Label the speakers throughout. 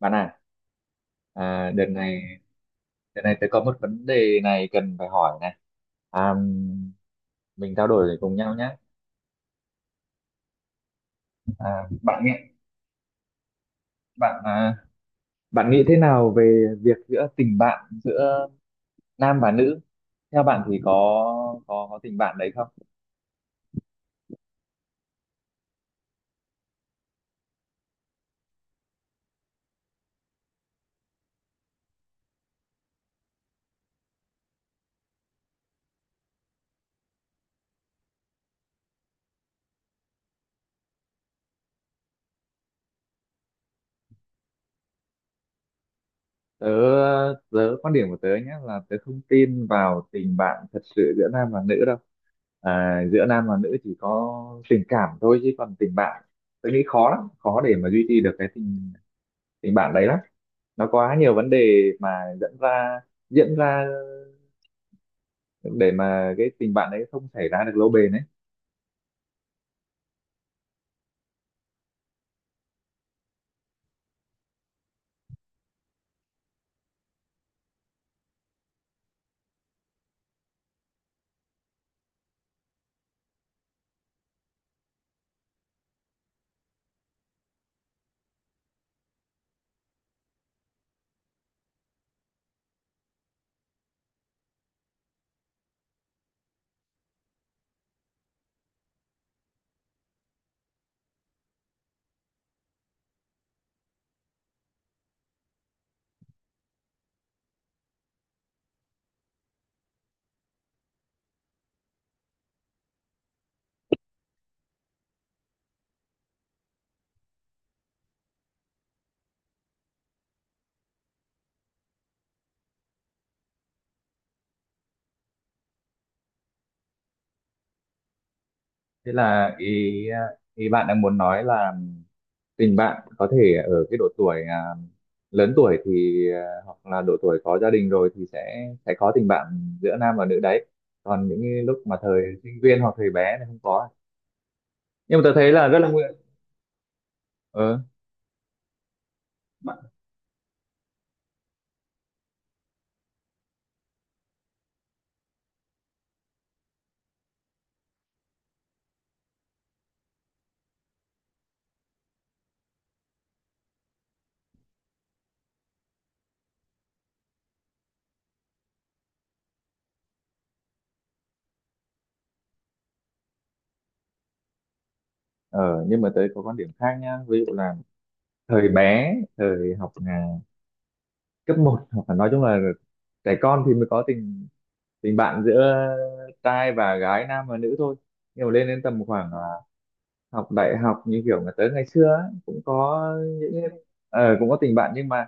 Speaker 1: Bạn à, đợt này tôi có một vấn đề này cần phải hỏi này. À, mình trao đổi cùng nhau nhé. À, bạn nghĩ bạn à, Bạn nghĩ thế nào về việc giữa tình bạn giữa nam và nữ? Theo bạn thì có có tình bạn đấy không? Tớ tớ quan điểm của tớ nhé là tớ không tin vào tình bạn thật sự giữa nam và nữ đâu. Giữa nam và nữ chỉ có tình cảm thôi, chứ còn tình bạn tớ nghĩ khó lắm, khó để mà duy trì được cái tình tình bạn đấy lắm. Nó quá nhiều vấn đề mà dẫn ra diễn ra để mà cái tình bạn đấy không xảy ra được lâu bền ấy. Thế là ý ý bạn đang muốn nói là tình bạn có thể ở cái độ tuổi lớn tuổi thì hoặc là độ tuổi có gia đình rồi thì sẽ có tình bạn giữa nam và nữ đấy, còn những cái lúc mà thời sinh viên hoặc thời bé thì không có. Nhưng mà tôi thấy là rất là bạn nguy. ờ ờ nhưng mà tới có quan điểm khác nhá, ví dụ là thời bé, thời học cấp một hoặc là nói chung là trẻ con thì mới có tình tình bạn giữa trai và gái, nam và nữ thôi. Nhưng mà lên đến tầm khoảng học đại học như kiểu mà tới ngày xưa ấy, cũng có những cũng có tình bạn nhưng mà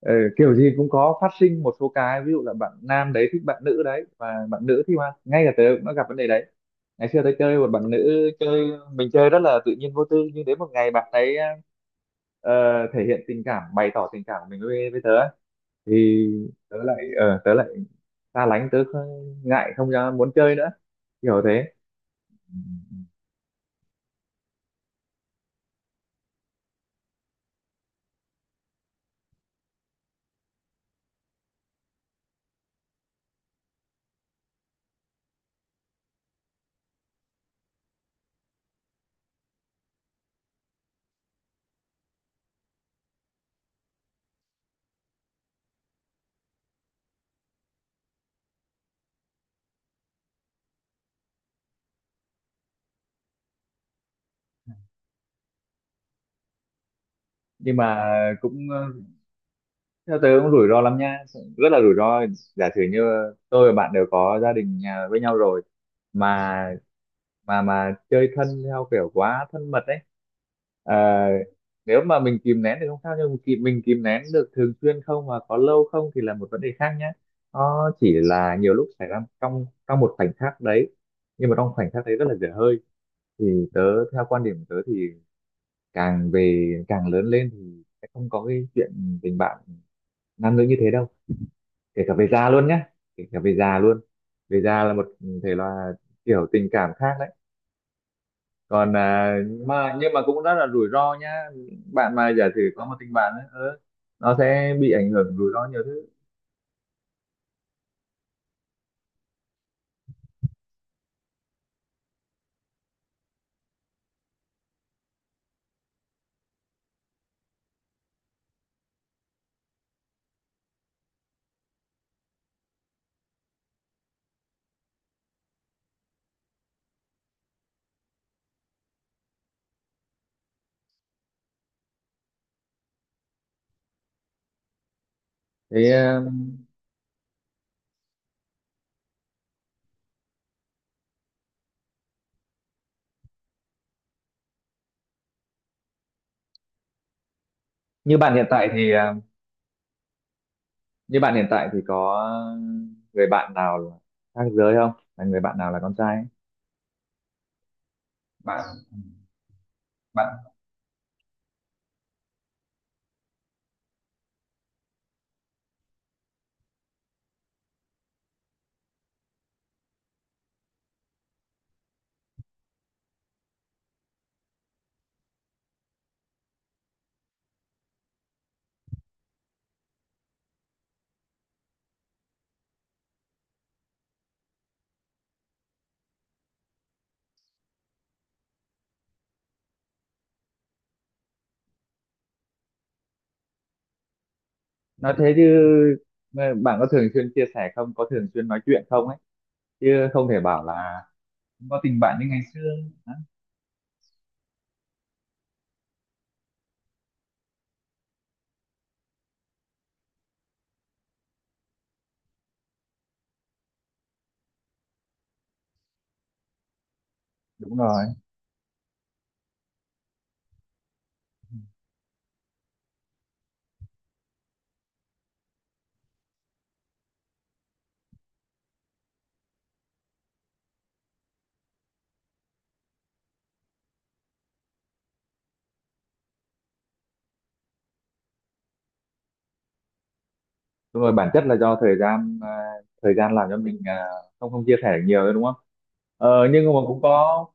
Speaker 1: ờ, kiểu gì cũng có phát sinh một số cái, ví dụ là bạn nam đấy thích bạn nữ đấy, và bạn nữ thì mà ngay cả tớ cũng đã gặp vấn đề đấy. Ngày xưa tớ chơi một bạn nữ, chơi mình chơi rất là tự nhiên vô tư, nhưng đến một ngày bạn ấy ờ, thể hiện tình cảm, bày tỏ tình cảm của mình với tớ, thì tớ lại xa lánh, ngại không ra muốn chơi nữa, kiểu thế. Nhưng mà cũng theo tớ cũng rủi ro lắm nha, rất là rủi ro. Giả sử như tôi và bạn đều có gia đình nhà với nhau rồi, mà mà chơi thân theo kiểu quá thân mật ấy. Ờ, Nếu mà mình kìm nén thì không sao, nhưng mà mình kìm nén được thường xuyên không và có lâu không thì là một vấn đề khác nhé. Nó chỉ là nhiều lúc xảy ra trong trong một khoảnh khắc đấy, nhưng mà trong khoảnh khắc đấy rất là dở hơi. Thì tớ, theo quan điểm của tớ thì càng về càng lớn lên thì sẽ không có cái chuyện tình bạn nam nữ như thế đâu, kể cả về già luôn nhá. Kể cả về già luôn. Về già là một thể loại kiểu tình cảm khác đấy. Còn mà nhưng mà cũng rất là rủi ro nhá. Bạn mà giả sử có một tình bạn ấy, nó sẽ bị ảnh hưởng rủi ro nhiều thứ. Thế à, như bạn hiện tại thì à, như bạn hiện tại thì có người bạn nào là khác giới không, là người bạn nào là con trai ấy? Bạn bạn Nói thế chứ, bạn có thường xuyên chia sẻ không, có thường xuyên nói chuyện không ấy, chứ không thể bảo là không có tình bạn như ngày xưa. Đó, đúng rồi, đúng rồi, bản chất là do thời gian, thời gian làm cho mình không không chia sẻ được nhiều nữa đúng không. Nhưng mà cũng có.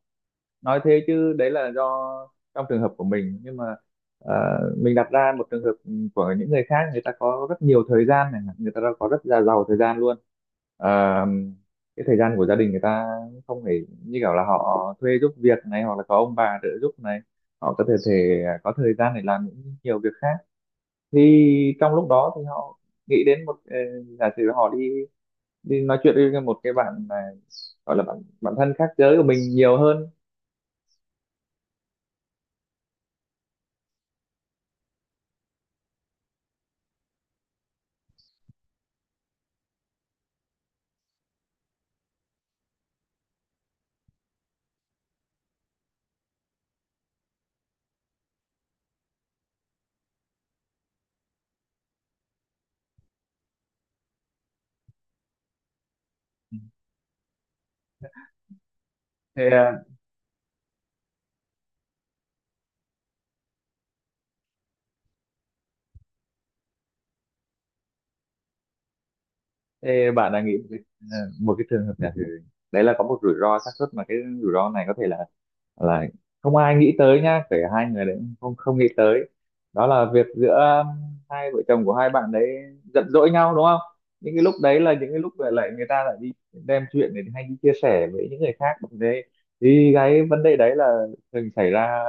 Speaker 1: Nói thế chứ đấy là do trong trường hợp của mình, nhưng mà à, mình đặt ra một trường hợp của những người khác, người ta có rất nhiều thời gian này, người ta có rất là giàu thời gian luôn. Ờ, cái thời gian của gia đình người ta không phải như kiểu là họ thuê giúp việc này, hoặc là có ông bà trợ giúp này, họ có thể thể có thời gian để làm những nhiều việc khác. Thì trong lúc đó thì họ nghĩ đến một giả sử họ đi đi nói chuyện với một cái bạn mà gọi là bạn bạn thân khác giới của mình nhiều hơn. Thì, thì bạn đã nghĩ một cái, một cái trường hợp giả sử đấy là có một rủi ro xác suất, mà cái rủi ro này có thể là là không ai nghĩ tới nha, kể hai người đấy cũng không không nghĩ tới. Đó là việc giữa um, hai vợ chồng của hai bạn đấy giận dỗi nhau đúng không, những cái lúc đấy là những cái lúc lại lại người ta lại đi đem chuyện này hay đi chia sẻ với những người khác bằng thế. Thì cái vấn đề đấy là thường xảy ra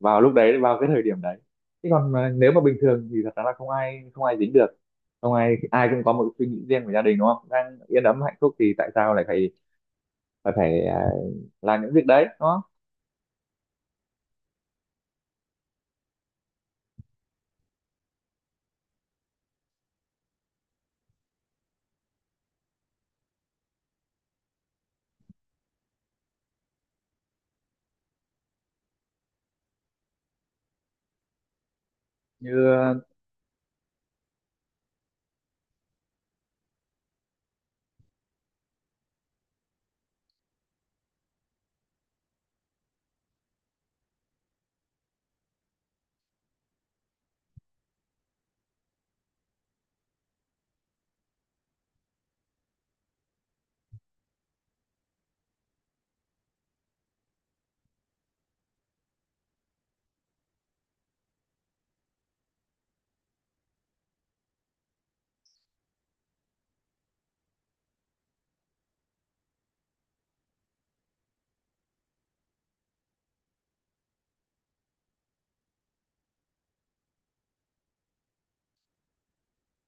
Speaker 1: vào lúc đấy, vào cái thời điểm đấy, chứ còn mà nếu mà bình thường thì thật ra là không ai dính được. Không ai, ai cũng có một suy nghĩ riêng của gia đình đúng không, đang yên ấm hạnh phúc thì tại sao lại phải phải phải à, làm những việc đấy đúng không. Như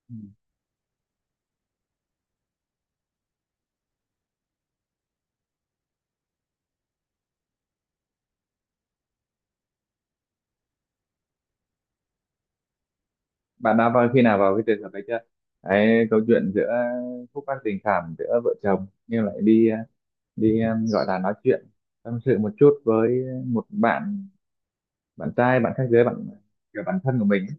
Speaker 1: ừ. Bạn đã vào khi nào vào cái trường hợp đấy chưa, cái câu chuyện giữa khúc mắc tình cảm giữa vợ chồng nhưng lại đi đi gọi là nói chuyện tâm sự một chút với một bạn, bạn trai bạn khác giới bạn kiểu bạn thân của mình ấy.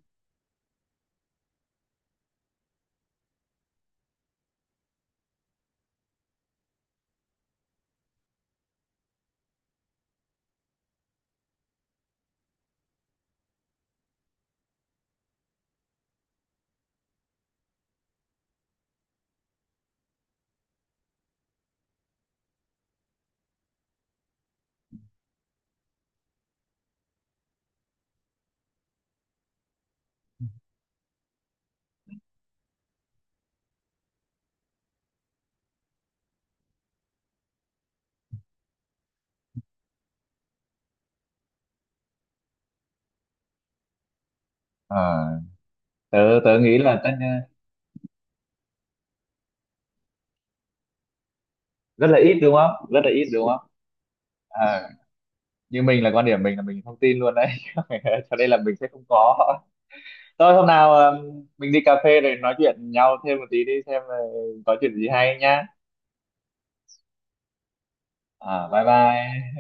Speaker 1: Ờ, tớ Tớ nghĩ là tất nhiên- rất là ít đúng không, rất là ít đúng không. Ờ, như mình là quan điểm mình là mình không tin luôn đấy cho nên là mình sẽ không có. Thôi hôm nào mình đi cà phê rồi nói chuyện nhau thêm một tí đi, xem là có chuyện gì hay nhá. Ờ, bye bye.